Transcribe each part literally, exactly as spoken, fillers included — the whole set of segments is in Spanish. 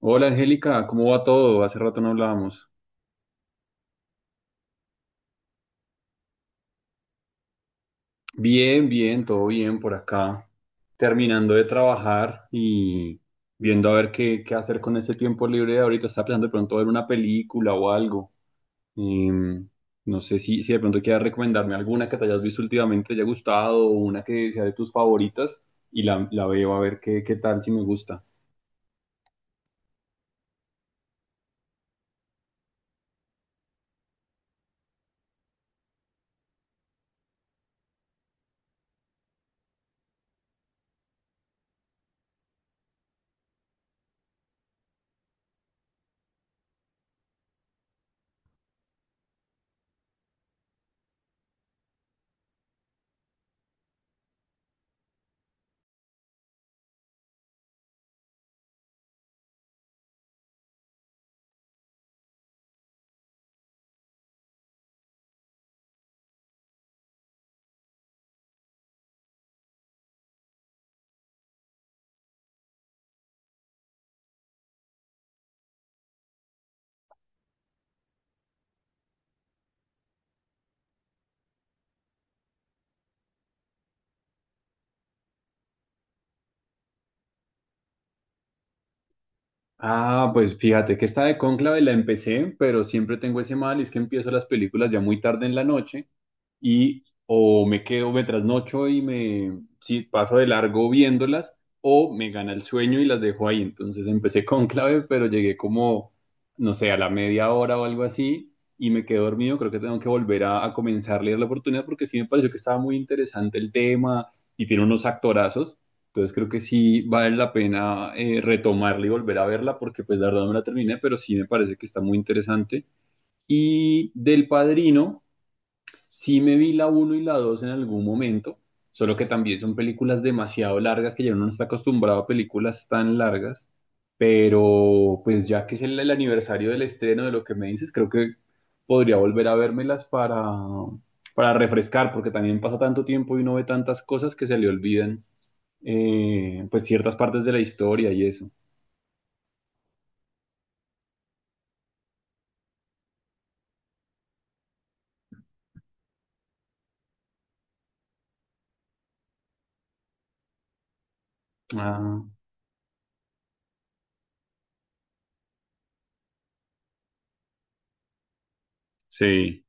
Hola Angélica, ¿cómo va todo? Hace rato no hablábamos. Bien, bien, todo bien por acá. Terminando de trabajar y viendo a ver qué, qué hacer con ese tiempo libre de ahorita. Estaba pensando de pronto ver una película o algo. Em, no sé si, si de pronto quieras recomendarme alguna que te hayas visto últimamente, te haya gustado, o una que sea de tus favoritas y la, la veo a ver qué, qué tal, si me gusta. Ah, pues fíjate que esta de Cónclave la empecé, pero siempre tengo ese mal, y es que empiezo las películas ya muy tarde en la noche y o me quedo, me trasnocho y me sí, paso de largo viéndolas o me gana el sueño y las dejo ahí. Entonces empecé con clave, pero llegué como, no sé, a la media hora o algo así y me quedé dormido. Creo que tengo que volver a, a comenzar a leer la oportunidad porque sí me pareció que estaba muy interesante el tema y tiene unos actorazos. Entonces creo que sí vale la pena eh, retomarla y volver a verla porque pues la verdad no me la terminé, pero sí me parece que está muy interesante. Y del Padrino, sí me vi la uno y la dos en algún momento, solo que también son películas demasiado largas que ya uno no está acostumbrado a películas tan largas, pero pues ya que es el, el aniversario del estreno de lo que me dices, creo que podría volver a vérmelas para, para refrescar, porque también pasa tanto tiempo y uno ve tantas cosas que se le olvidan, eh, pues ciertas partes de la historia y eso. Ah, sí,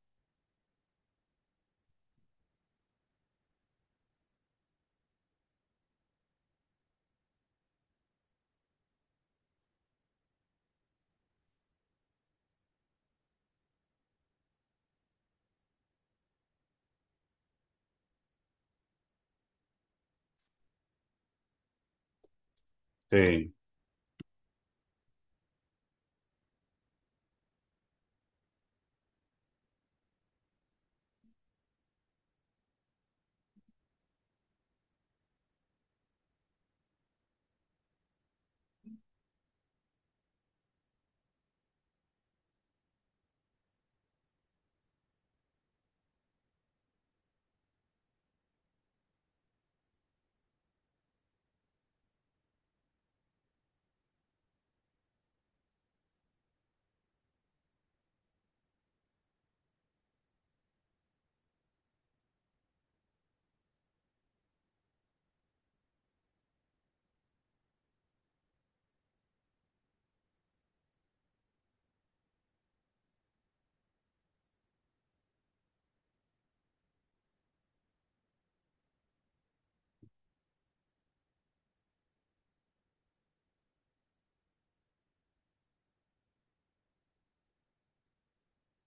sí.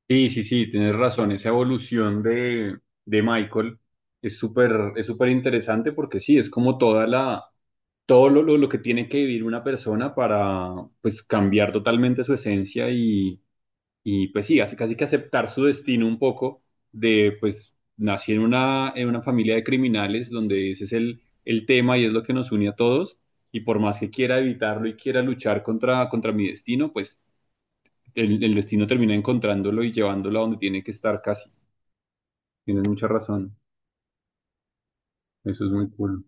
Sí, sí, sí, tienes razón. Esa evolución de, de Michael es súper, es súper interesante porque sí, es como toda la, todo lo, lo, lo que tiene que vivir una persona para pues cambiar totalmente su esencia y, y pues sí, así casi que aceptar su destino un poco de pues nací en una, en una familia de criminales donde ese es el, el tema y es lo que nos une a todos y por más que quiera evitarlo y quiera luchar contra, contra mi destino, pues el, el destino termina encontrándolo y llevándolo a donde tiene que estar casi. Tienes mucha razón. Eso es muy cool.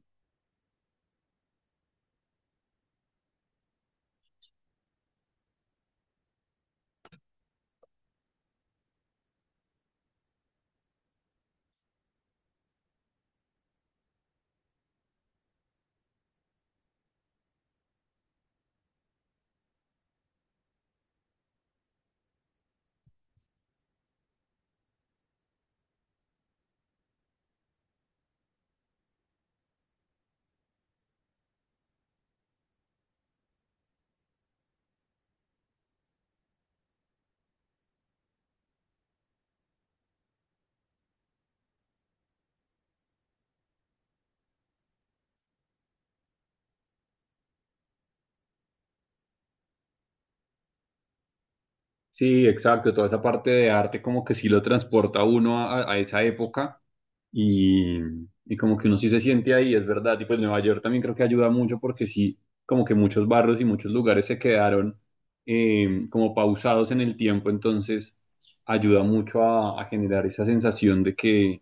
Sí, exacto. Toda esa parte de arte como que sí lo transporta a uno a, a esa época y, y como que uno sí se siente ahí, es verdad. Y pues Nueva York también creo que ayuda mucho porque sí, como que muchos barrios y muchos lugares se quedaron, eh, como pausados en el tiempo, entonces ayuda mucho a, a generar esa sensación de que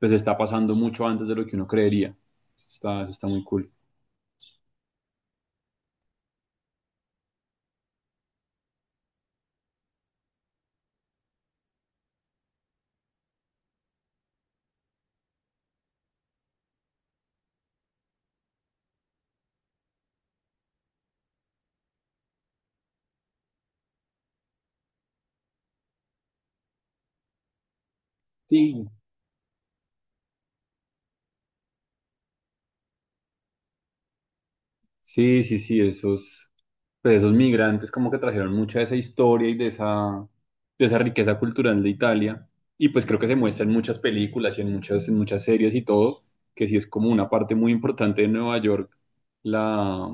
pues está pasando mucho antes de lo que uno creería. Eso está, eso está muy cool. Sí, sí, sí, sí, esos, pues esos migrantes como que trajeron mucha de esa historia y de esa, de esa riqueza cultural de Italia. Y pues creo que se muestra en muchas películas y en muchas, en muchas series y todo, que sí es como una parte muy importante de Nueva York, la,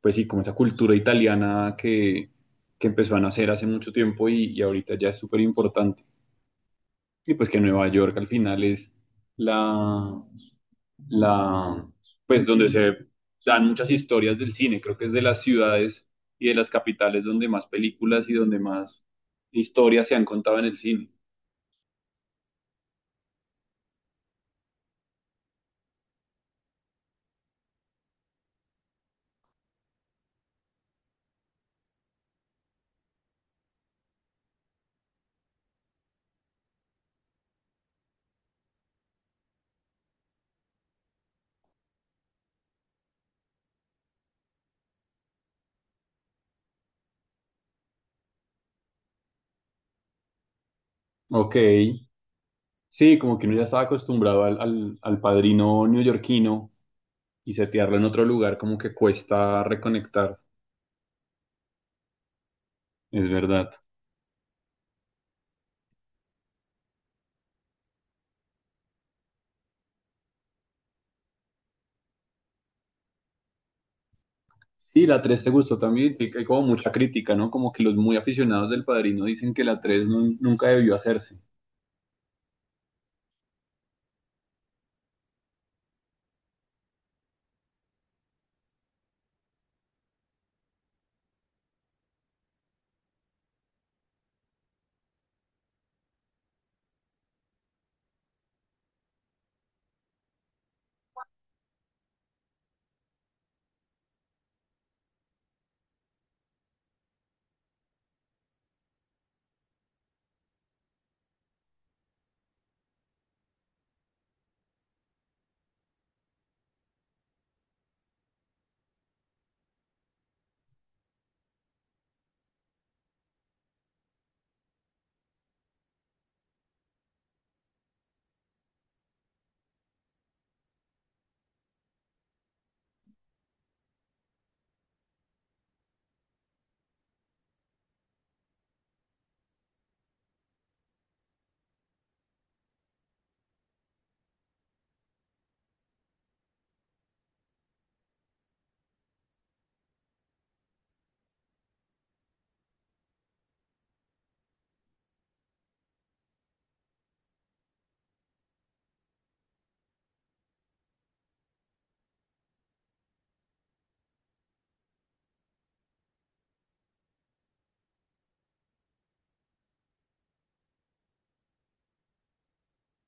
pues sí, como esa cultura italiana que, que empezó a nacer hace mucho tiempo y, y ahorita ya es súper importante. Y pues que Nueva York al final es la, la, pues donde se dan muchas historias del cine. Creo que es de las ciudades y de las capitales donde más películas y donde más historias se han contado en el cine. Ok, sí, como que uno ya estaba acostumbrado al, al, al padrino neoyorquino y setearlo en otro lugar como que cuesta reconectar, es verdad. Sí, la tres te gustó también, sí que hay como mucha crítica, ¿no? Como que los muy aficionados del padrino dicen que la tres nun- nunca debió hacerse.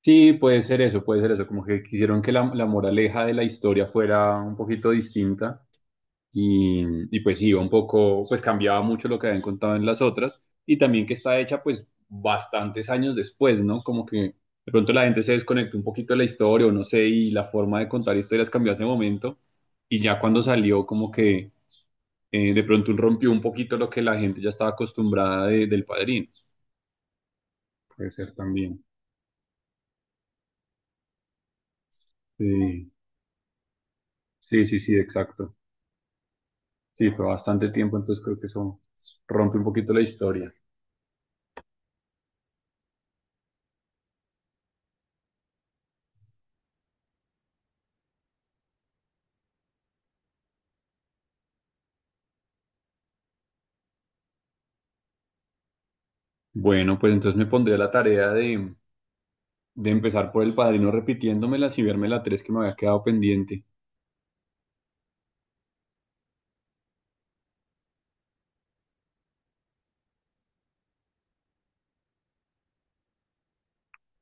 Sí, puede ser eso, puede ser eso, como que quisieron que la, la moraleja de la historia fuera un poquito distinta y, y pues iba un poco, pues cambiaba mucho lo que habían contado en las otras y también que está hecha pues bastantes años después, ¿no? Como que de pronto la gente se desconectó un poquito de la historia o no sé, y la forma de contar historias cambió hace momento y ya cuando salió como que, eh, de pronto rompió un poquito lo que la gente ya estaba acostumbrada de- del Padrino. Puede ser también. Sí, sí, sí, sí, exacto. Sí, fue bastante tiempo, entonces creo que eso rompe un poquito la historia. Bueno, pues entonces me pondré a la tarea de, de empezar por El Padrino repitiéndomelas y verme la tres que me había quedado pendiente.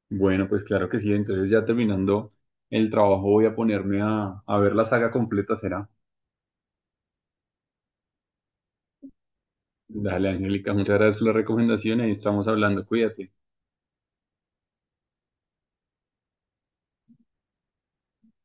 Bueno, pues claro que sí, entonces ya terminando el trabajo voy a ponerme a, a ver la saga completa, será. Dale, Angélica, muchas gracias por la recomendación y ahí estamos hablando, cuídate.